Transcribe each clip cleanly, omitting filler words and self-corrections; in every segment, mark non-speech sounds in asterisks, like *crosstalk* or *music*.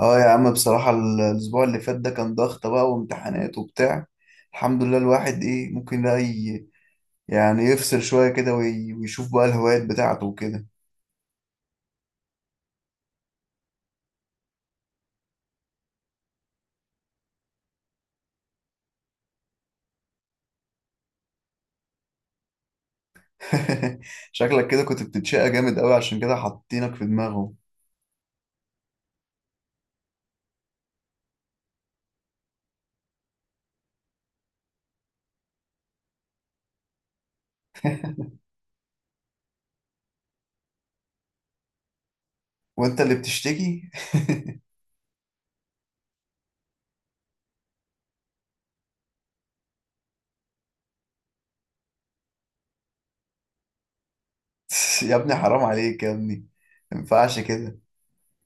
اه يا عم بصراحة الأسبوع اللي فات ده كان ضغط بقى وامتحانات وبتاع. الحمد لله الواحد إيه ممكن بقى يعني يفصل شوية كده ويشوف بقى الهوايات بتاعته وكده. *laughs* شكلك كده كنت بتتشقى جامد قوي عشان كده حاطينك في دماغه، وأنت اللي بتشتكي. *laughs* يا ابني حرام عليك يا ابني، مينفعش كده.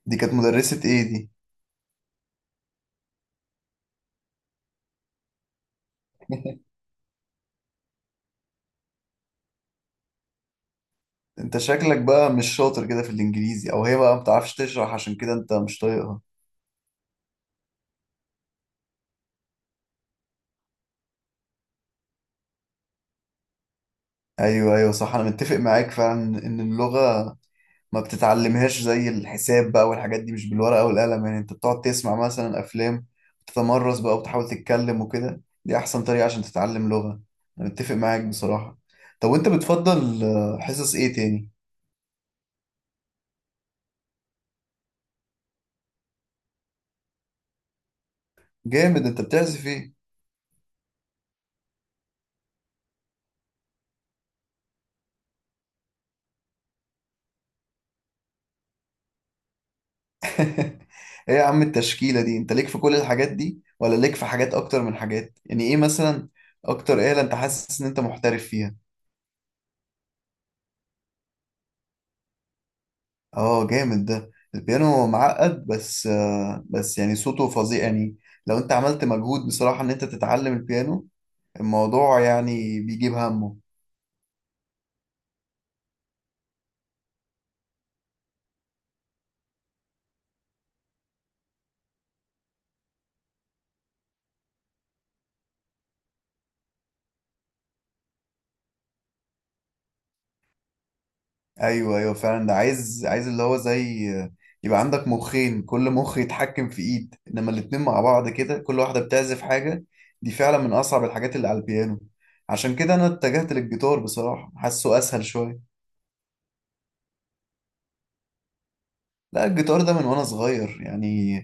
دي كانت مدرسة إيه دي؟ *laughs* أنت شكلك بقى مش شاطر كده في الإنجليزي، أو هي بقى ما بتعرفش تشرح عشان كده أنت مش طايقها. أيوه أيوه صح، أنا متفق معاك فعلا إن اللغة ما بتتعلمهاش زي الحساب بقى والحاجات دي، مش بالورقة والقلم يعني، انت بتقعد تسمع مثلا افلام، تتمرس بقى وتحاول تتكلم وكده، دي احسن طريقة عشان تتعلم لغة. انا متفق معاك بصراحة. طب وانت بتفضل حصص ايه تاني؟ جامد، انت بتعزف ايه؟ *laughs* ايه يا عم التشكيلة دي، انت ليك في كل الحاجات دي ولا ليك في حاجات اكتر من حاجات؟ يعني ايه مثلا اكتر آلة انت حاسس ان انت محترف فيها؟ اه جامد، ده البيانو معقد بس يعني صوته فظيع يعني. لو انت عملت مجهود بصراحة ان انت تتعلم البيانو، الموضوع يعني بيجيب همه. ايوه ايوه فعلا، ده عايز اللي هو زي يبقى عندك مخين، كل مخ يتحكم في ايد، انما الاتنين مع بعض كده كل واحدة بتعزف حاجة. دي فعلا من اصعب الحاجات اللي على البيانو. عشان كده انا اتجهت للجيتار بصراحة، حاسه اسهل شوية. لا الجيتار ده من وانا صغير يعني.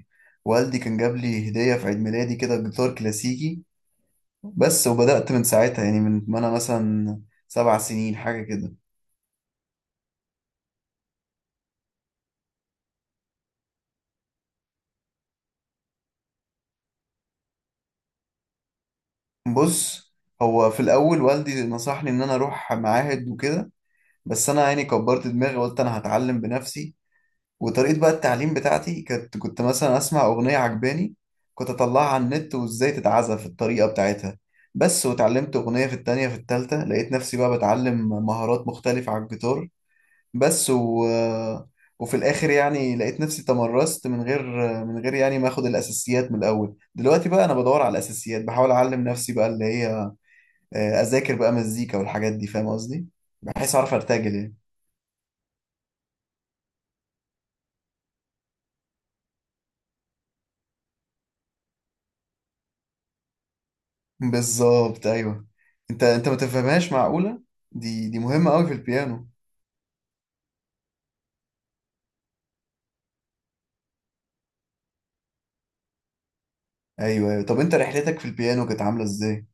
والدي كان جاب لي هدية في عيد ميلادي كده جيتار كلاسيكي. بس وبدأت من ساعتها، يعني من ما انا مثلا 7 سنين حاجة كده. بص، هو في الاول والدي نصحني ان انا اروح معاهد وكده، بس انا يعني كبرت دماغي وقلت انا هتعلم بنفسي. وطريقة بقى التعليم بتاعتي كانت، كنت مثلا أسمع أغنية عجباني، كنت أطلعها على النت وإزاي تتعزف الطريقة بتاعتها بس، وتعلمت أغنية، في التانية في التالتة لقيت نفسي بقى بتعلم مهارات مختلفة على الجيتار بس. وفي الآخر يعني لقيت نفسي تمرست من غير يعني ما أخد الأساسيات من الأول. دلوقتي بقى أنا بدور على الأساسيات، بحاول أعلم نفسي بقى اللي هي أذاكر بقى مزيكا والحاجات دي، فاهم قصدي؟ بحيث أعرف أرتجل يعني. بالظبط ايوه. انت ما تفهمهاش معقولة؟ دي مهمة قوي في البيانو. ايوه ايوه، طب انت رحلتك في البيانو كانت عاملة ازاي؟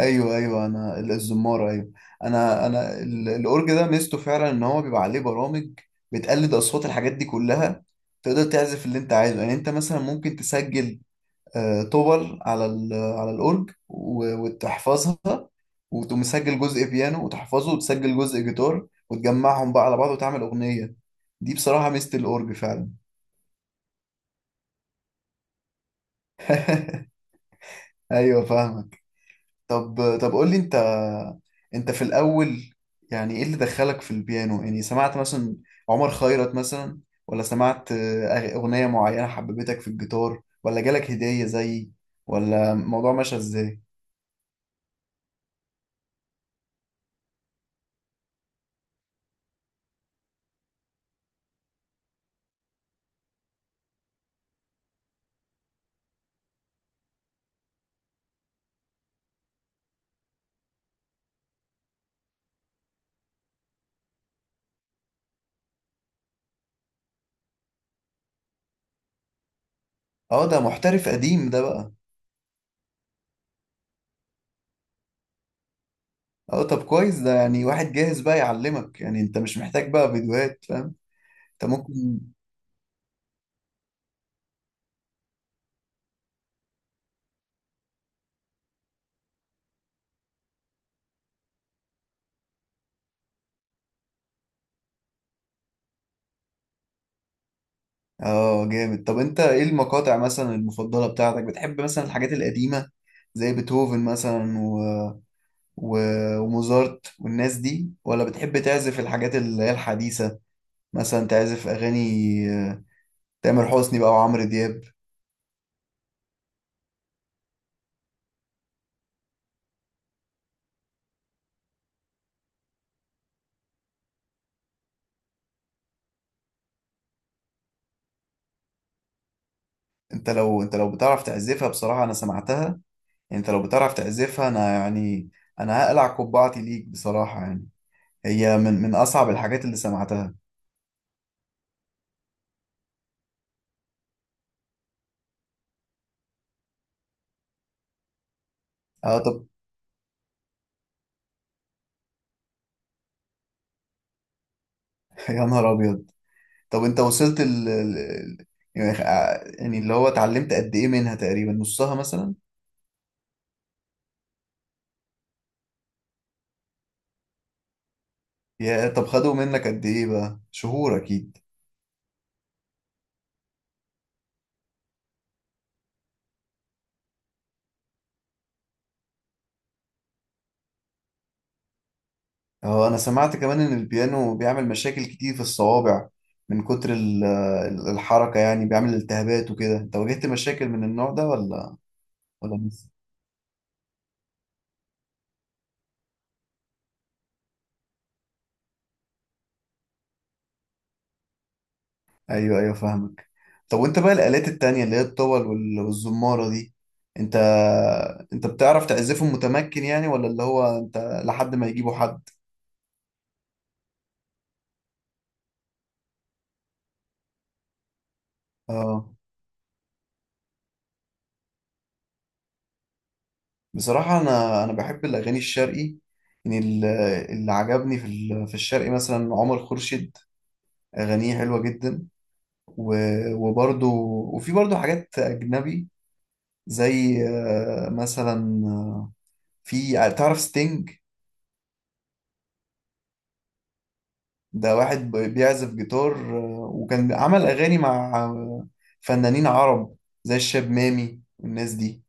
ايوه ايوه، انا الزمارة، ايوه. انا الاورج ده ميزته فعلا ان هو بيبقى عليه برامج بتقلد اصوات الحاجات دي كلها. تقدر تعزف اللي انت عايزه يعني، انت مثلا ممكن تسجل توبل على على الاورج وتحفظها، وتقوم مسجل جزء بيانو وتحفظه، وتسجل جزء جيتار، وتجمعهم بقى على بعض وتعمل أغنية. دي بصراحة ميزة الأورج فعلا. أيوة فاهمك. طب قول لي أنت، أنت في الأول يعني إيه اللي دخلك في البيانو؟ يعني سمعت مثلا عمر خيرت مثلا؟ ولا سمعت أغنية معينة حببتك في الجيتار؟ ولا جالك هدية زيي؟ ولا الموضوع ماشي إزاي؟ اه ده محترف قديم ده بقى. اه طب كويس، ده يعني واحد جاهز بقى يعلمك، يعني انت مش محتاج بقى فيديوهات، فاهم. انت ممكن. اه جامد، طب انت ايه المقاطع مثلا المفضلة بتاعتك؟ بتحب مثلا الحاجات القديمة زي بيتهوفن مثلا و... وموزارت والناس دي، ولا بتحب تعزف الحاجات اللي هي الحديثة، مثلا تعزف اغاني آه، تامر حسني بقى وعمرو دياب؟ انت لو بتعرف تعزفها بصراحة، انا سمعتها، يعني انت لو بتعرف تعزفها انا يعني، انا هقلع قبعتي ليك بصراحة يعني. هي من اصعب الحاجات اللي سمعتها. اه طب. *laughs* يا نهار ابيض. طب انت وصلت يعني يعني اللي هو اتعلمت قد ايه منها؟ تقريبا نصها مثلا؟ يا طب خدوا منك قد ايه بقى؟ شهور اكيد. اه انا سمعت كمان ان البيانو بيعمل مشاكل كتير في الصوابع من كتر الحركة، يعني بيعمل التهابات وكده، انت واجهت مشاكل من النوع ده ولا ولا مش؟ ايوه ايوه فاهمك. طب وانت بقى الآلات التانية اللي هي الطول والزمارة دي، انت انت بتعرف تعزفهم متمكن يعني؟ ولا اللي هو انت لحد ما يجيبوا حد؟ اه بصراحة انا بحب الاغاني الشرقي. يعني اللي عجبني في في الشرقي مثلا عمر خورشيد، اغانيه حلوة جدا، وبرضه وفي برضه حاجات اجنبي زي مثلا، في تعرف ستينج؟ ده واحد بيعزف جيتار، وكان عمل أغاني مع فنانين عرب زي الشاب مامي والناس دي.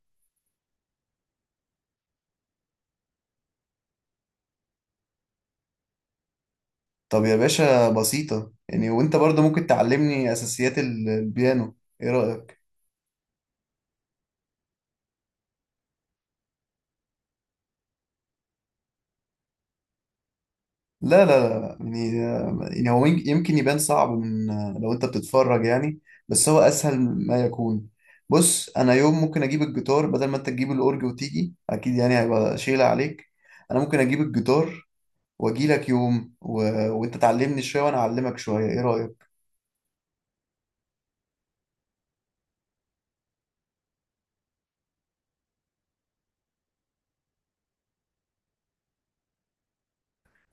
طب يا باشا بسيطة يعني، وانت برضه ممكن تعلمني أساسيات البيانو، ايه رأيك؟ لا لا لا، يعني يعني هو يمكن يبان صعب من لو انت بتتفرج يعني، بس هو أسهل ما يكون. بص أنا يوم ممكن أجيب الجيتار بدل ما انت تجيب الأورج وتيجي، أكيد يعني هيبقى شيلة عليك. أنا ممكن أجيب الجيتار واجي لك يوم وانت تعلمني شويه وانا اعلمك شويه، ايه رايك؟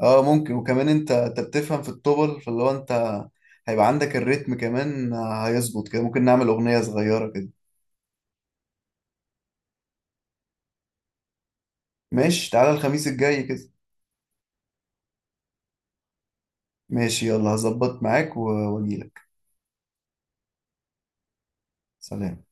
اه ممكن، وكمان انت بتفهم في الطبل، فاللي هو انت هيبقى عندك الريتم كمان هيظبط كده، ممكن نعمل اغنيه صغيره كده. ماشي، تعالى الخميس الجاي كده. ماشي، يلا هظبط معاك واجي لك. سلام.